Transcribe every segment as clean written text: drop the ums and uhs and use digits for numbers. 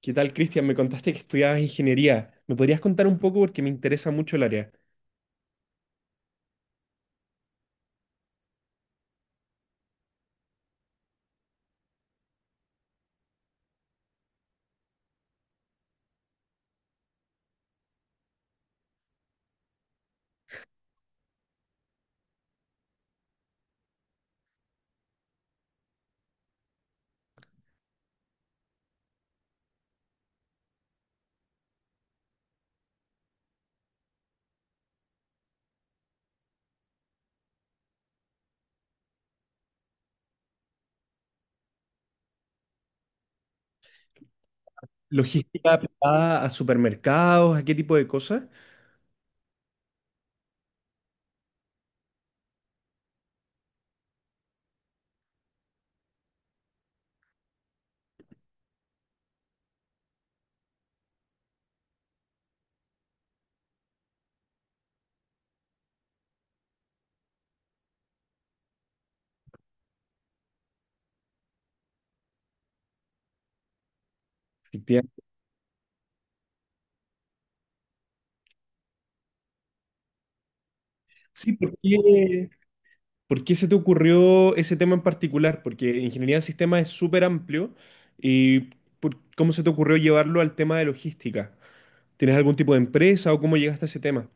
¿Qué tal, Cristian? Me contaste que estudiabas ingeniería. ¿Me podrías contar un poco porque me interesa mucho el área? ¿Logística aplicada a supermercados, a qué tipo de cosas? Efectivamente. Sí, ¿por qué se te ocurrió ese tema en particular? Porque ingeniería de sistemas es súper amplio y ¿cómo se te ocurrió llevarlo al tema de logística? ¿Tienes algún tipo de empresa o cómo llegaste a ese tema?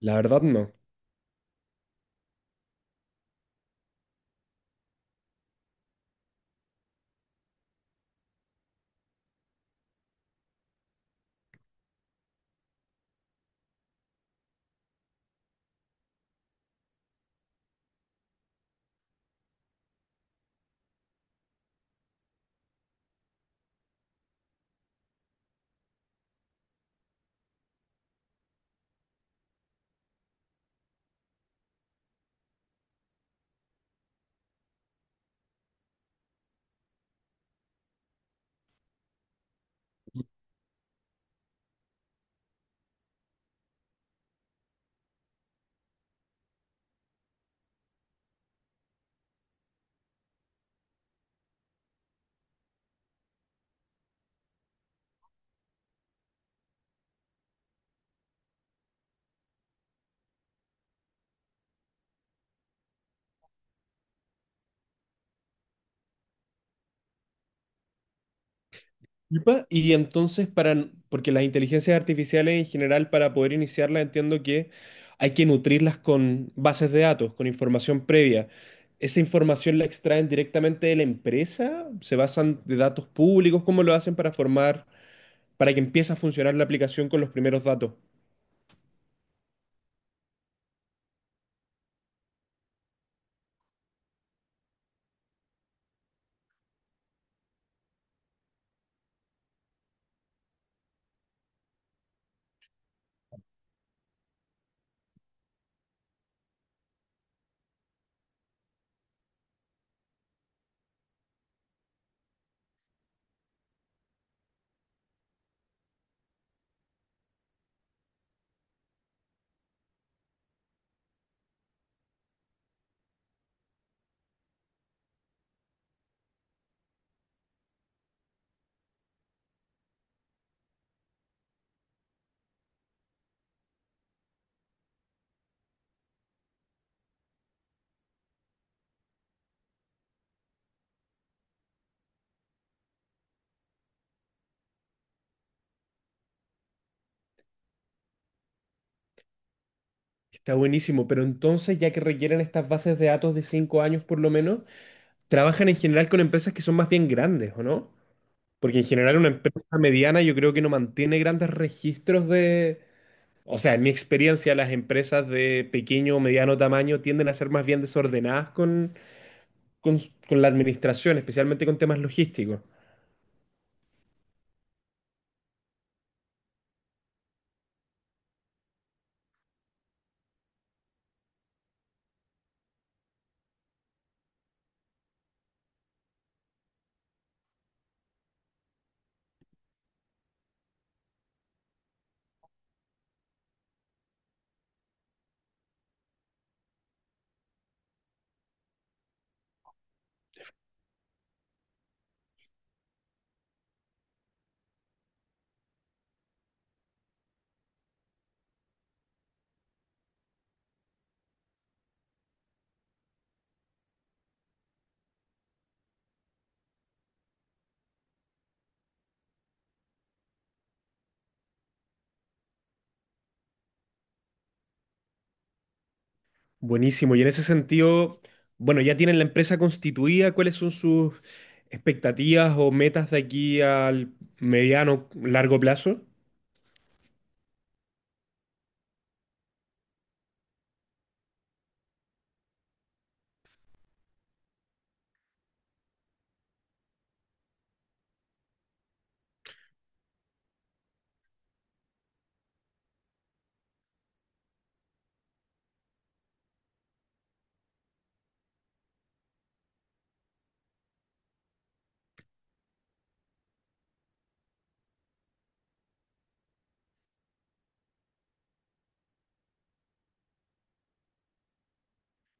La verdad, no. Epa, y entonces, porque las inteligencias artificiales en general, para poder iniciarlas, entiendo que hay que nutrirlas con bases de datos, con información previa. ¿Esa información la extraen directamente de la empresa? ¿Se basan de datos públicos? ¿Cómo lo hacen para formar, para que empiece a funcionar la aplicación con los primeros datos? Está buenísimo, pero entonces, ya que requieren estas bases de datos de 5 años por lo menos, trabajan en general con empresas que son más bien grandes, ¿o no? Porque en general una empresa mediana yo creo que no mantiene grandes registros de... O sea, en mi experiencia las empresas de pequeño o mediano tamaño tienden a ser más bien desordenadas con la administración, especialmente con temas logísticos. Buenísimo. Y en ese sentido, bueno, ya tienen la empresa constituida, ¿cuáles son sus expectativas o metas de aquí al mediano, largo plazo?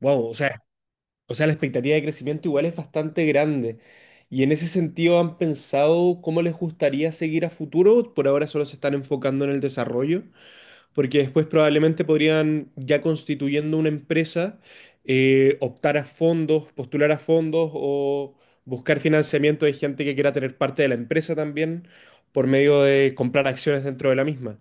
Wow, o sea, la expectativa de crecimiento igual es bastante grande. Y en ese sentido, ¿han pensado cómo les gustaría seguir a futuro? Por ahora solo se están enfocando en el desarrollo, porque después probablemente podrían, ya constituyendo una empresa, optar a fondos, postular a fondos o buscar financiamiento de gente que quiera tener parte de la empresa también por medio de comprar acciones dentro de la misma.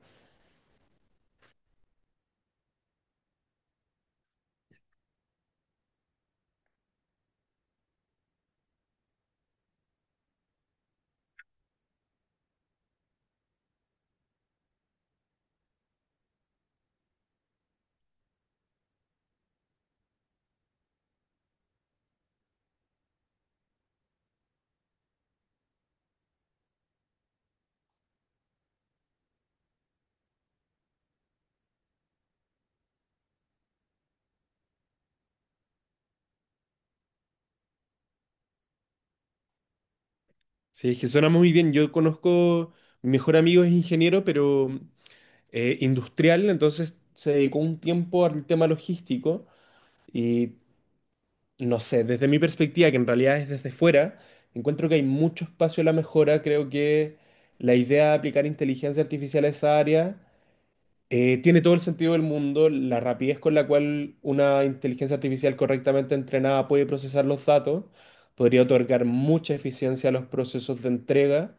Sí, es que suena muy bien. Yo conozco, mi mejor amigo es ingeniero, pero... industrial, entonces se dedicó un tiempo al tema logístico y no sé, desde mi perspectiva, que en realidad es desde fuera, encuentro que hay mucho espacio a la mejora, creo que la idea de aplicar inteligencia artificial a esa área tiene todo el sentido del mundo la rapidez con la cual una inteligencia artificial correctamente entrenada puede procesar los datos, podría otorgar mucha eficiencia a los procesos de entrega.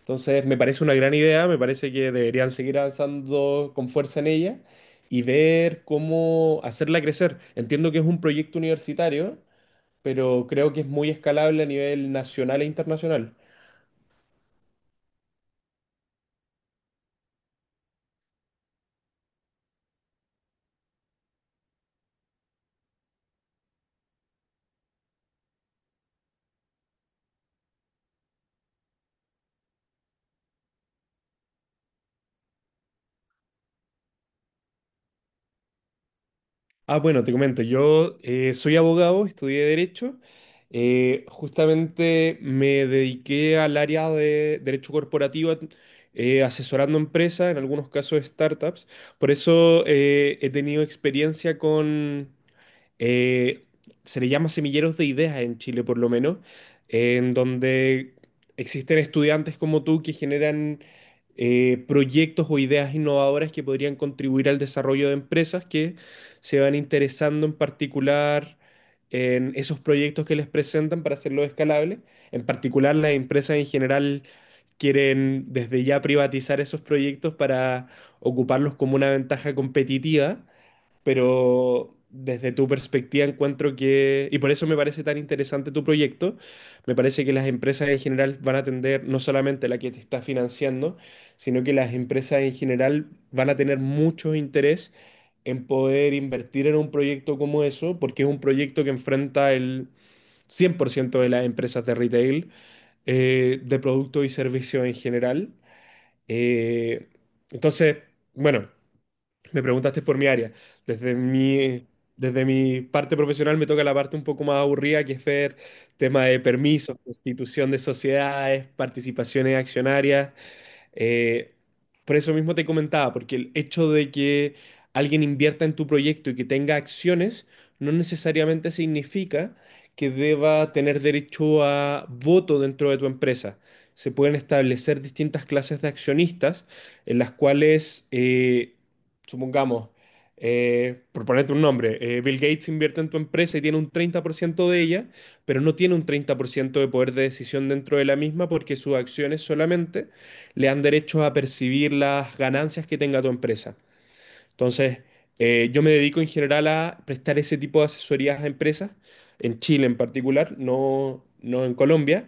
Entonces, me parece una gran idea, me parece que deberían seguir avanzando con fuerza en ella y ver cómo hacerla crecer. Entiendo que es un proyecto universitario, pero creo que es muy escalable a nivel nacional e internacional. Ah, bueno, te comento, yo soy abogado, estudié Derecho, justamente me dediqué al área de Derecho Corporativo, asesorando empresas, en algunos casos startups, por eso he tenido experiencia con, eh, se le llama semilleros de ideas en Chile, por lo menos, en donde existen estudiantes como tú que generan proyectos o ideas innovadoras que podrían contribuir al desarrollo de empresas que se van interesando en particular en esos proyectos que les presentan para hacerlo escalable. En particular, las empresas en general quieren desde ya privatizar esos proyectos para ocuparlos como una ventaja competitiva, pero desde tu perspectiva encuentro que, y por eso me parece tan interesante tu proyecto, me parece que las empresas en general van a tender, no solamente la que te está financiando, sino que las empresas en general van a tener mucho interés en poder invertir en un proyecto como eso, porque es un proyecto que enfrenta el 100% de las empresas de retail, de productos y servicios en general. Eh, entonces, bueno. Me preguntaste por mi área. Desde mi, desde mi parte profesional me toca la parte un poco más aburrida, que es ver tema de permisos, constitución de sociedades, participaciones accionarias, eh, por eso mismo te comentaba, porque el hecho de que alguien invierta en tu proyecto y que tenga acciones no necesariamente significa que deba tener derecho a voto dentro de tu empresa. Se pueden establecer distintas clases de accionistas en las cuales, supongamos, por ponerte un nombre, Bill Gates invierte en tu empresa y tiene un 30% de ella, pero no tiene un 30% de poder de decisión dentro de la misma porque sus acciones solamente le dan derecho a percibir las ganancias que tenga tu empresa. Entonces, yo me dedico en general a prestar ese tipo de asesorías a empresas, en Chile en particular, no, no en Colombia,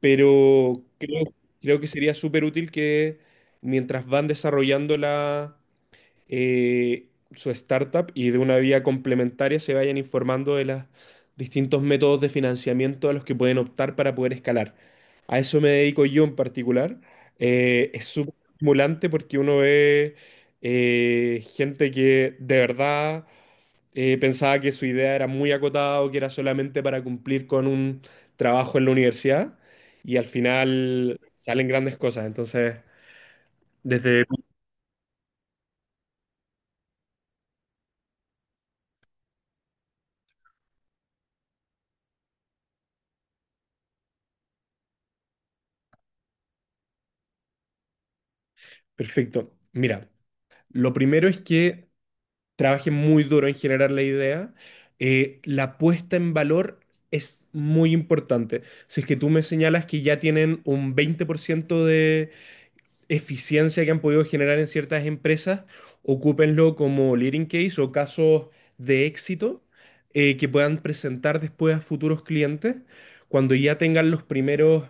pero creo, que sería súper útil que mientras van desarrollando la eh, su startup y de una vía complementaria se vayan informando de los distintos métodos de financiamiento a los que pueden optar para poder escalar. A eso me dedico yo en particular. Es súper estimulante porque uno ve gente que de verdad pensaba que su idea era muy acotada o que era solamente para cumplir con un trabajo en la universidad y al final salen grandes cosas. Entonces, desde... Perfecto. Mira, lo primero es que trabaje muy duro en generar la idea, la puesta en valor es muy importante. Si es que tú me señalas que ya tienen un 20% de eficiencia que han podido generar en ciertas empresas, ocúpenlo como leading case o casos de éxito que puedan presentar después a futuros clientes. Cuando ya tengan los primeros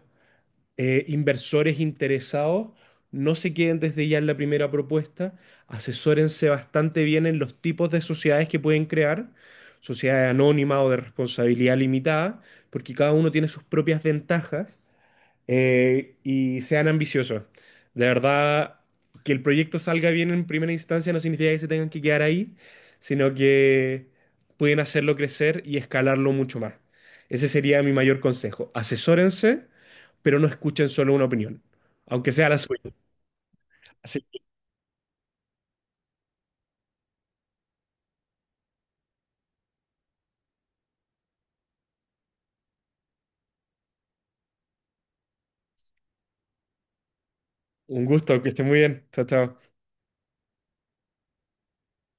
inversores interesados, no se queden desde ya en la primera propuesta, asesórense bastante bien en los tipos de sociedades que pueden crear, sociedades anónimas o de responsabilidad limitada, porque cada uno tiene sus propias ventajas y sean ambiciosos. De verdad, que el proyecto salga bien en primera instancia no significa que se tengan que quedar ahí, sino que pueden hacerlo crecer y escalarlo mucho más. Ese sería mi mayor consejo. Asesórense, pero no escuchen solo una opinión, aunque sea la suya. Así que un gusto, que estén muy bien. Chao, chao.